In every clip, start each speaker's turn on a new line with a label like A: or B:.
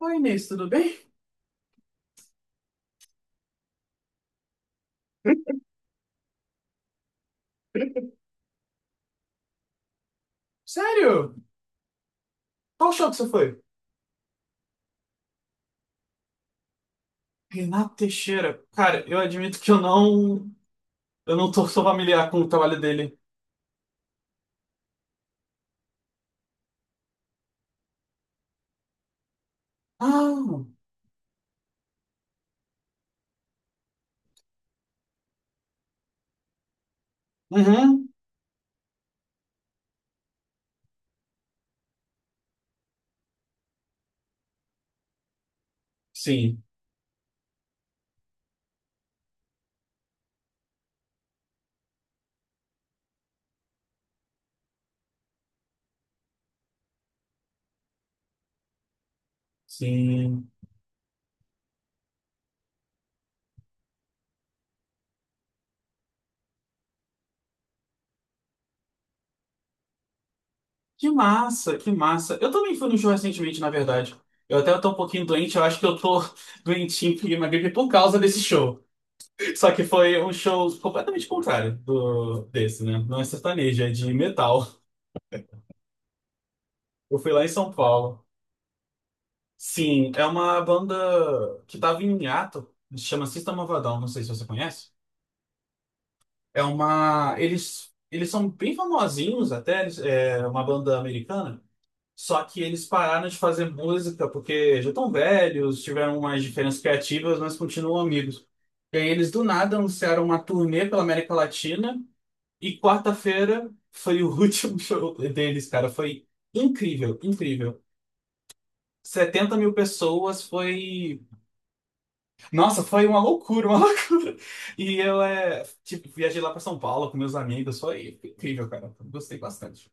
A: Oi, Inês, tudo bem? Sério? Qual show que você foi? Renato Teixeira. Cara, eu admito que eu não. Eu não tô sou familiar com o trabalho dele. Ah, uhum. Sim, sim. Que massa, que massa. Eu também fui no show recentemente, na verdade. Eu até tô um pouquinho doente, eu acho que eu tô doentinho, peguei uma gripe por causa desse show. Só que foi um show completamente contrário do desse, né? Não é sertanejo, é de metal. Eu fui lá em São Paulo. Sim, é uma banda que tava em hiato, se chama System of a Down, não sei se você conhece. É uma. Eles são bem famosinhos até, eles- é uma banda americana, só que eles pararam de fazer música porque já estão velhos, tiveram umas diferenças criativas, mas continuam amigos. E aí eles do nada anunciaram uma turnê pela América Latina e quarta-feira foi o último show deles, cara. Foi incrível, incrível. 70 mil pessoas foi. Nossa, foi uma loucura, uma loucura. E eu, tipo, viajei lá pra São Paulo com meus amigos. Foi incrível, cara. Gostei bastante.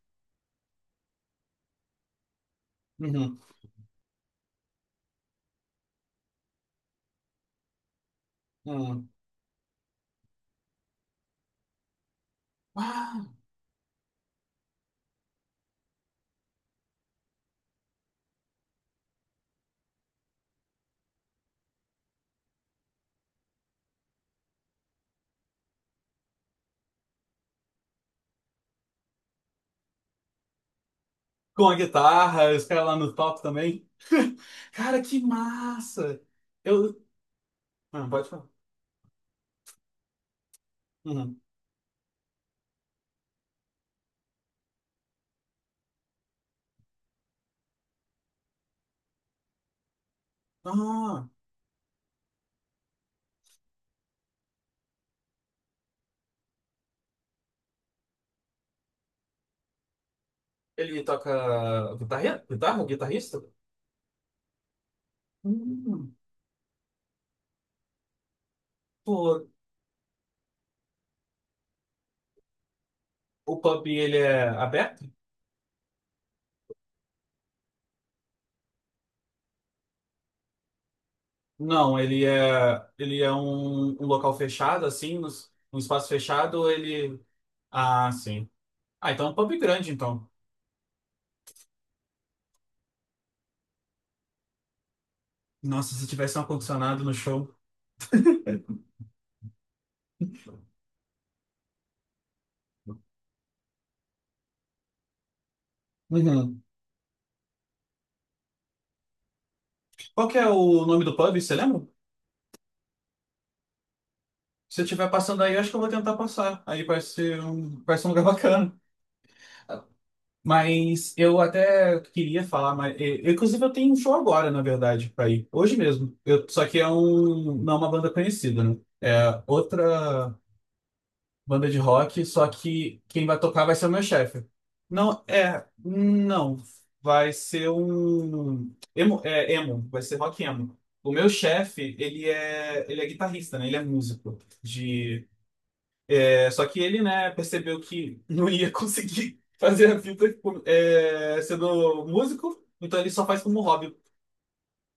A: Uhum, uhum. Ah, com a guitarra, os caras lá no top também. Cara, que massa! Eu. Ah, pode falar. Uhum. Ah, ele toca guitarra? Guitarra? Guitarrista? Hum, pô, o pub ele é aberto? Não, ele é um, um local fechado, assim, nos- um espaço fechado, ele. Ah, sim. Ah, então é um pub grande, então. Nossa, se tivesse um ar-condicionado no show. Uhum. Qual que é o nome do pub, você lembra? Se eu estiver passando aí, eu acho que eu vou tentar passar. Aí vai ser um lugar bacana. Mas eu até queria falar, mas eu- inclusive eu tenho um show agora, na verdade, para ir. Hoje mesmo. Eu, só que é um, não é uma banda conhecida, né? É outra. Banda de rock, só que quem vai tocar vai ser o meu chefe. Não, é. Não. Vai ser um. Emo, é, emo. Vai ser rock emo. O meu chefe, ele é guitarrista, né? Ele é músico. De, é, só que ele, né, percebeu que não ia conseguir fazer a vida tipo, é, sendo músico, então ele só faz como hobby.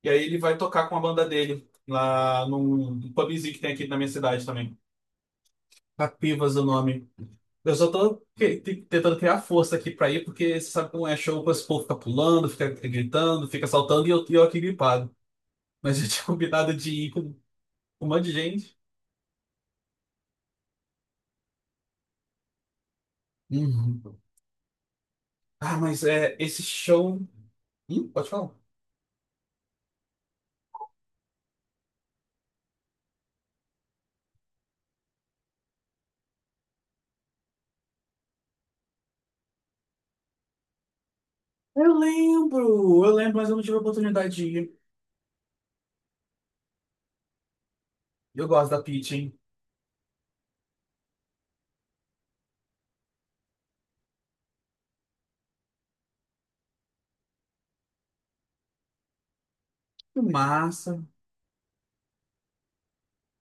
A: E aí ele vai tocar com a banda dele lá num pubzinho que tem aqui na minha cidade também. Capivas é o nome. Eu só tô que- te- tentando criar força aqui pra ir, porque você sabe como é show, esse povo fica pulando, fica gritando, fica saltando e eu aqui gripado. Mas eu tinha combinado de ir com um monte de gente. Uhum. Ah, mas é, esse show. Pode falar. Eu lembro, mas eu não tive a oportunidade de ir. Eu gosto da Peach, hein? Que massa.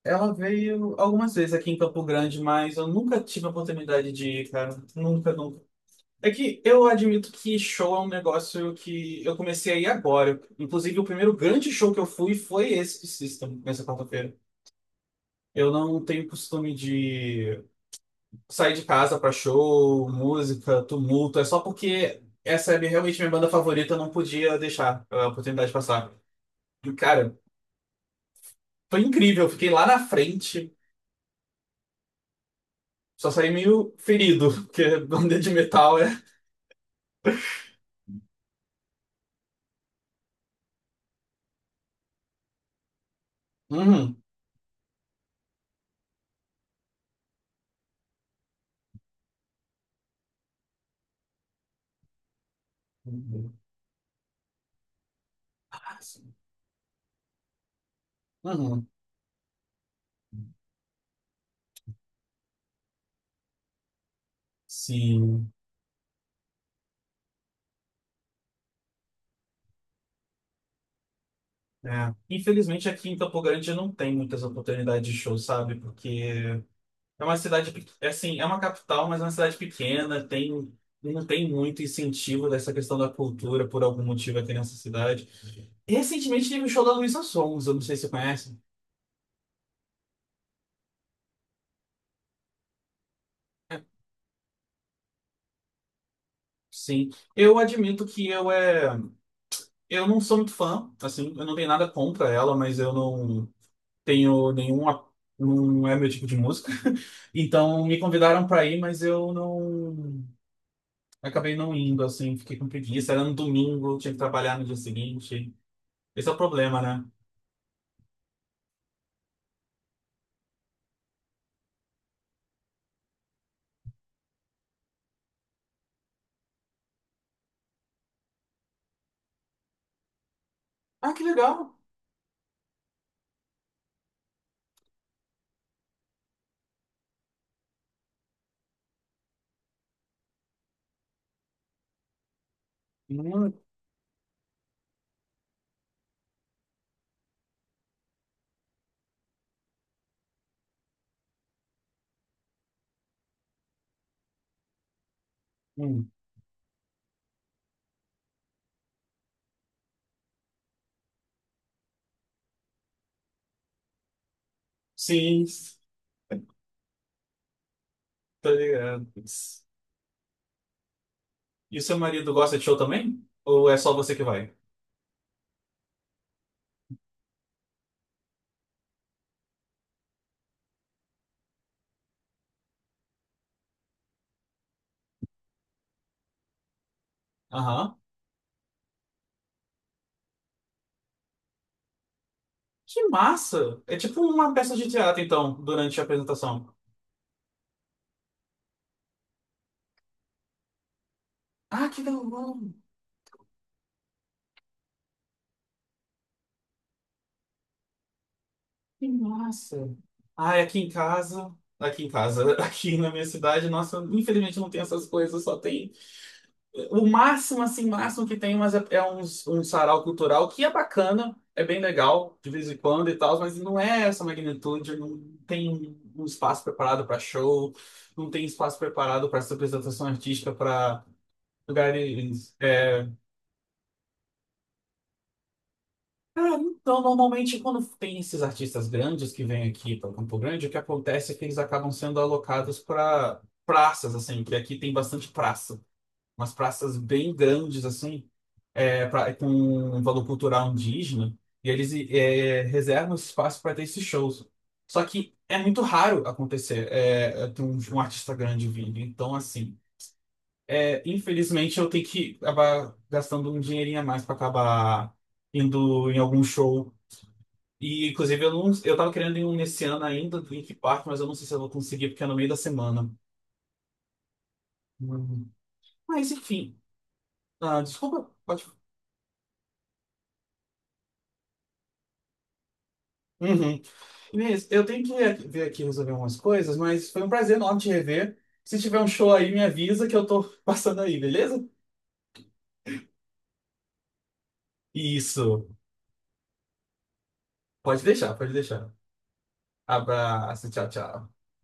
A: Ela veio algumas vezes aqui em Campo Grande, mas eu nunca tive a oportunidade de ir, cara. Nunca, nunca. É que eu admito que show é um negócio que eu comecei a ir agora. Inclusive, o primeiro grande show que eu fui foi esse de System, nessa quarta-feira. Eu não tenho costume de sair de casa pra show, música, tumulto. É só porque essa é realmente minha banda favorita, eu não podia deixar a oportunidade passar. E, cara, foi incrível. Eu fiquei lá na frente, só saí meio ferido, porque banda de metal é. Uhum. Uhum. Sim. É. Infelizmente aqui em Campo Grande não tem muitas oportunidades de show, sabe? Porque é uma cidade, pe- é assim, é uma capital, mas é uma cidade pequena, tem, não tem muito incentivo dessa questão da cultura por algum motivo aqui nessa cidade. Recentemente teve o show da Luísa Sons, eu não sei se você conhece. É, sim, eu admito que eu não sou muito fã, assim, eu não tenho nada contra ela, mas eu não tenho nenhuma, não é meu tipo de música. Então me convidaram para ir, mas eu não. Eu acabei não indo, assim, fiquei com preguiça. Era no domingo, tinha que trabalhar no dia seguinte. Esse é o problema, né? Ah, que legal! Hum, hum. Sim, tá ligado. E o seu marido gosta de show também? Ou é só você que vai? Aham. Que massa! É tipo uma peça de teatro, então, durante a apresentação. Ah, que legal! Que massa! Ah, é aqui em casa. Aqui em casa, aqui na minha cidade, nossa, infelizmente não tem essas coisas, só tem. O máximo, assim, máximo que tem, mas é uns, um sarau cultural que é bacana, é bem legal, de vez em quando e tal, mas não é essa magnitude, não tem um espaço preparado para show, não tem espaço preparado para essa apresentação artística para lugares. É, ah, então, normalmente, quando tem esses artistas grandes que vêm aqui para Campo Grande, o que acontece é que eles acabam sendo alocados para praças, assim, que aqui tem bastante praça, umas praças bem grandes, assim. É, pra- é com um valor cultural indígena, e eles é, reservam esse espaço para ter esses shows. Só que é muito raro acontecer é, é, ter um, um artista grande vindo. Então, assim, é, infelizmente eu tenho que acabar gastando um dinheirinho a mais para acabar indo em algum show. E, inclusive, eu não, eu tava querendo ir um nesse ano ainda do Link Park, mas eu não sei se eu vou conseguir, porque é no meio da semana. Uhum. Mas, enfim, ah, desculpa, pode. Uhum. Inês, eu tenho que ir- ver aqui resolver umas coisas, mas foi um prazer enorme te rever. Se tiver um show aí, me avisa que eu tô passando aí, beleza? Isso. Pode deixar, pode deixar. Abraço, tchau, tchau.